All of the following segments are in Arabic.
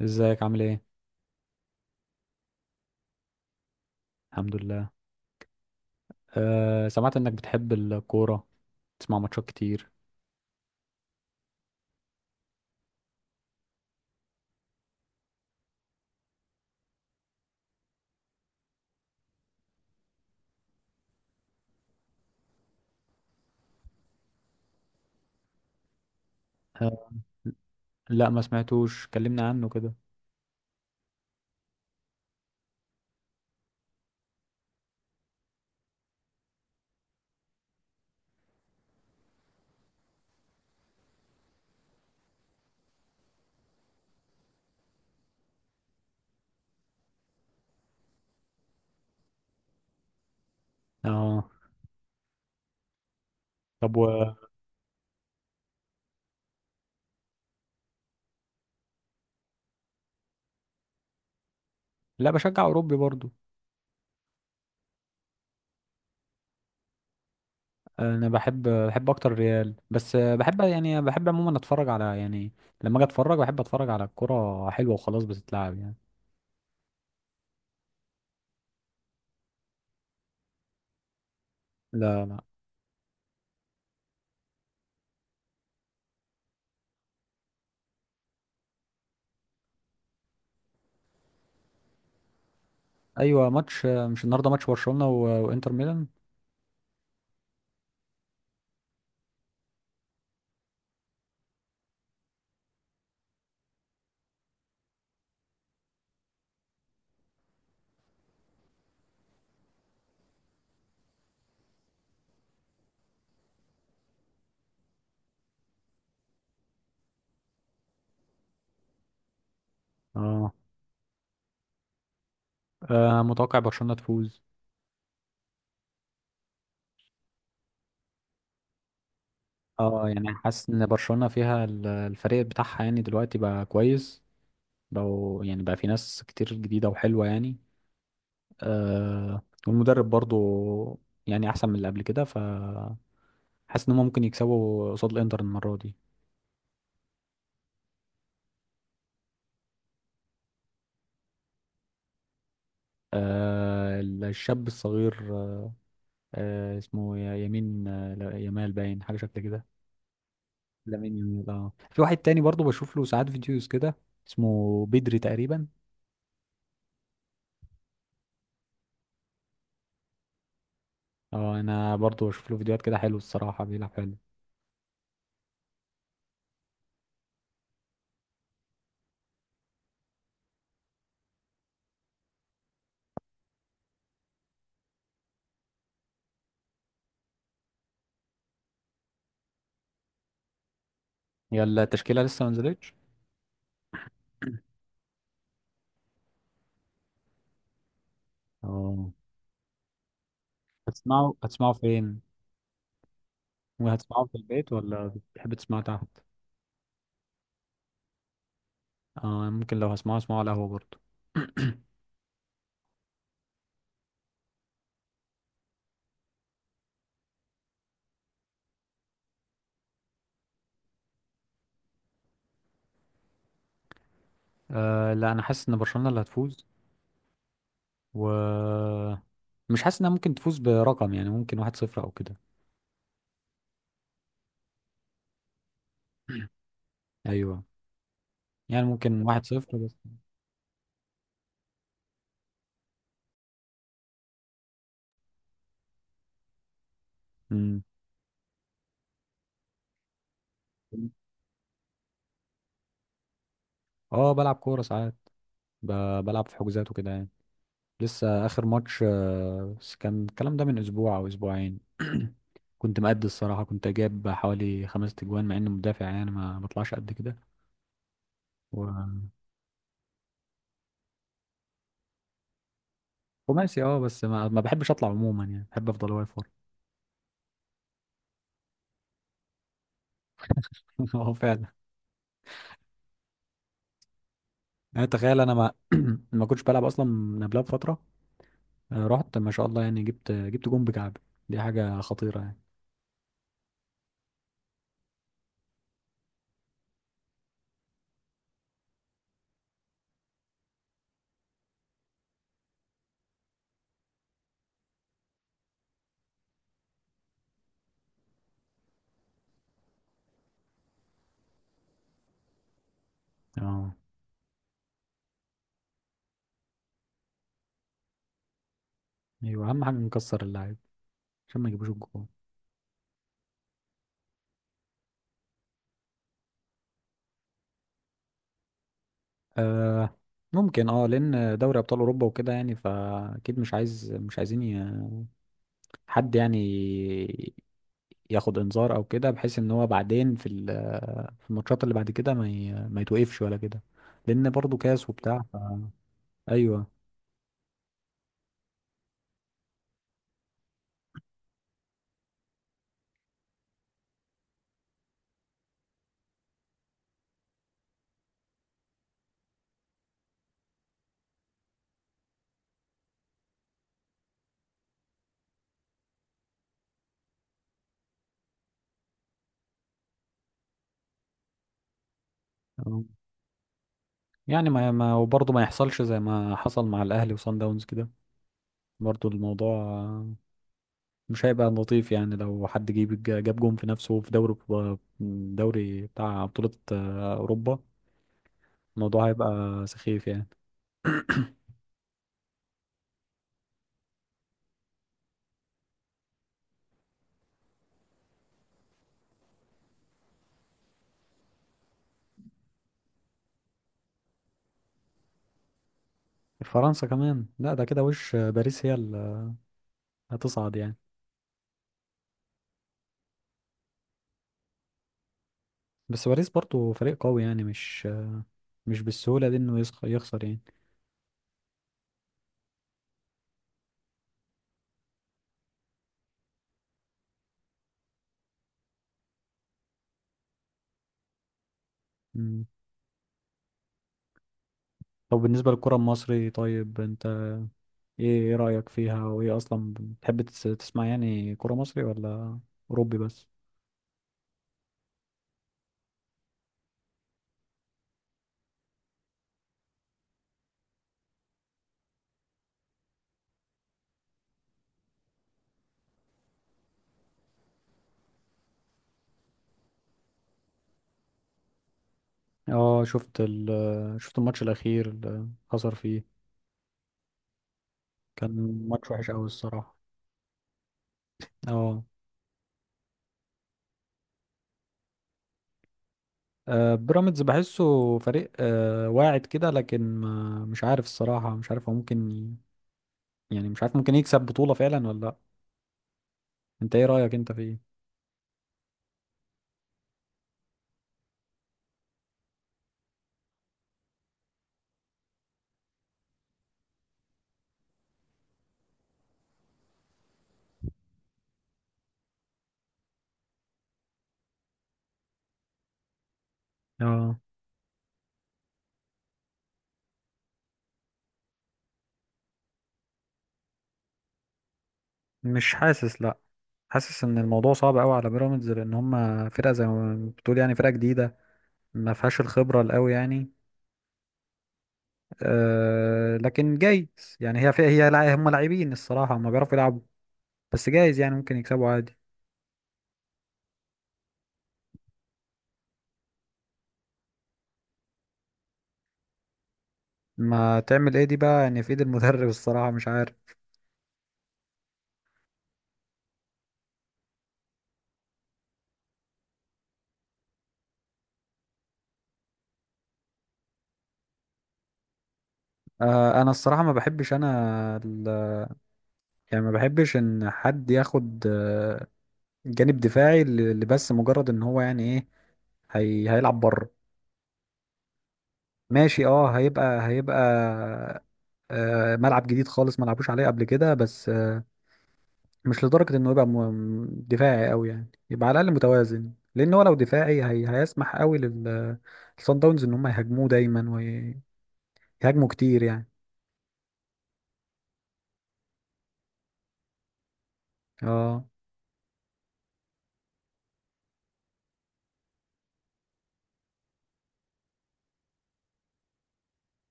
ازيك عامل ايه؟ الحمد لله. أه. سمعت انك بتحب الكورة تسمع ماتشات كتير. أه. لا ما سمعتوش كلمنا عنه كده. اه طب، لا بشجع اوروبي برضو. انا بحب اكتر ريال بس، بحب يعني بحب عموما اتفرج على يعني لما اجي اتفرج بحب اتفرج على الكورة حلوة وخلاص بتتلعب يعني. لا، لا. ايوه ماتش، مش النهارده ماتش برشلونة وانتر ميلان. اه، متوقع برشلونة تفوز. اه يعني حاسس ان برشلونة فيها الفريق بتاعها يعني دلوقتي بقى كويس، بقوا يعني بقى في ناس كتير جديدة وحلوة يعني. آه. والمدرب برضو يعني احسن من اللي قبل كده، فحاسس ان هم ممكن يكسبوا قصاد الانتر المرة دي. آه الشاب الصغير، آه اسمه يمين يمال، باين حاجة شكل كده. لامين يامال اه، في واحد تاني برضو بشوف له ساعات فيديوز كده اسمه بدري تقريبا. اه انا برضو بشوف له فيديوهات كده، حلو الصراحة بيلعب حلو. يلا التشكيلة لسه ما نزلتش. اه. هتسمعوا هتسمعوا فين؟ وهتسمعوا في البيت ولا بتحب تسمعوا تحت؟ اه ممكن لو هسمعوا اسمعوا على القهوة برضه. آه لا، انا حاسس ان برشلونة اللي هتفوز، و مش حاسس انها ممكن تفوز برقم، يعني ممكن واحد صفر او كده. ايوه، يعني ممكن واحد صفر بس. مم. اه بلعب كورة ساعات، ب... بلعب في حجوزات وكده يعني. لسه اخر ماتش، بس كان الكلام ده من اسبوع او اسبوعين. كنت مأدي الصراحه، كنت جايب حوالي خمس تجوان مع اني مدافع يعني ما بطلعش قد كده. و خماسي اه، بس ما بحبش اطلع عموما يعني بحب افضل واقف ورا. اه فعلا. يعني تخيل انا ما ما كنتش بلعب اصلا من قبلها بفتره، آه، رحت ما شاء الله يعني جبت جون بكعب. دي حاجه خطيره يعني. اه. ايوه اهم حاجه نكسر اللعيب عشان ما يجيبوش الجون. آه ممكن اه، لان دوري ابطال اوروبا وكده يعني، فاكيد مش عايزين حد يعني ياخد انذار او كده، بحيث ان هو بعدين في في الماتشات اللي بعد كده ما يتوقفش ولا كده، لان برضه كاس وبتاع ايوه. آه. يعني ما وبرضه ما يحصلش زي ما حصل مع الاهلي وصن داونز كده، برضه الموضوع، مش هيبقى لطيف يعني. لو حد جاب جون في نفسه في دوري بتاع بطولة، آه، اوروبا، الموضوع هيبقى سخيف يعني. فرنسا كمان لا، ده كده وش باريس هي اللي هتصعد يعني. بس باريس برضو فريق قوي، يعني مش بالسهولة دي انه يخسر يعني. مم. طب بالنسبة للكرة المصري، طيب انت ايه ايه رأيك فيها، وايه اصلا بتحب تسمع يعني كرة مصري ولا اوروبي بس؟ اه، شفت الماتش الاخير اللي خسر فيه، كان ماتش وحش قوي الصراحة. اه. آه، بيراميدز بحسه فريق آه، واعد كده، لكن ما مش عارف الصراحة مش عارف هو ممكن يعني مش عارف ممكن يكسب بطولة فعلا ولا لا. انت ايه رأيك انت في ايه؟ اه مش حاسس، لا. حاسس ان الموضوع صعب قوي على بيراميدز لان هم فرقة زي ما بتقول يعني فرقة جديدة ما فيهاش الخبرة القوي يعني. أه لكن جايز يعني، هي فيها هم لاعبين الصراحة هم بيعرفوا يلعبوا، بس جايز يعني ممكن يكسبوا عادي. ما تعمل ايه دي بقى يعني في ايد المدرب الصراحة مش عارف. انا الصراحه ما بحبش انا، يعني ما بحبش ان حد ياخد، آه، جانب دفاعي اللي بس مجرد ان هو يعني ايه هي هيلعب بره. ماشي اه، هيبقى آه، ملعب جديد خالص ما لعبوش عليه قبل كده بس، مش لدرجه انه يبقى دفاعي قوي يعني يبقى على الاقل متوازن، لان هو لو دفاعي هي هيسمح قوي للصن داونز ان هم يهاجموه دايما ويهاجموا كتير يعني. اه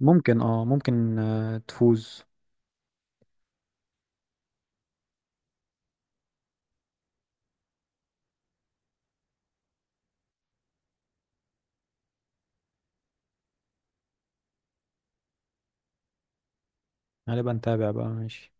ممكن، اه ممكن، تفوز. هنبقى نتابع بقى ماشي.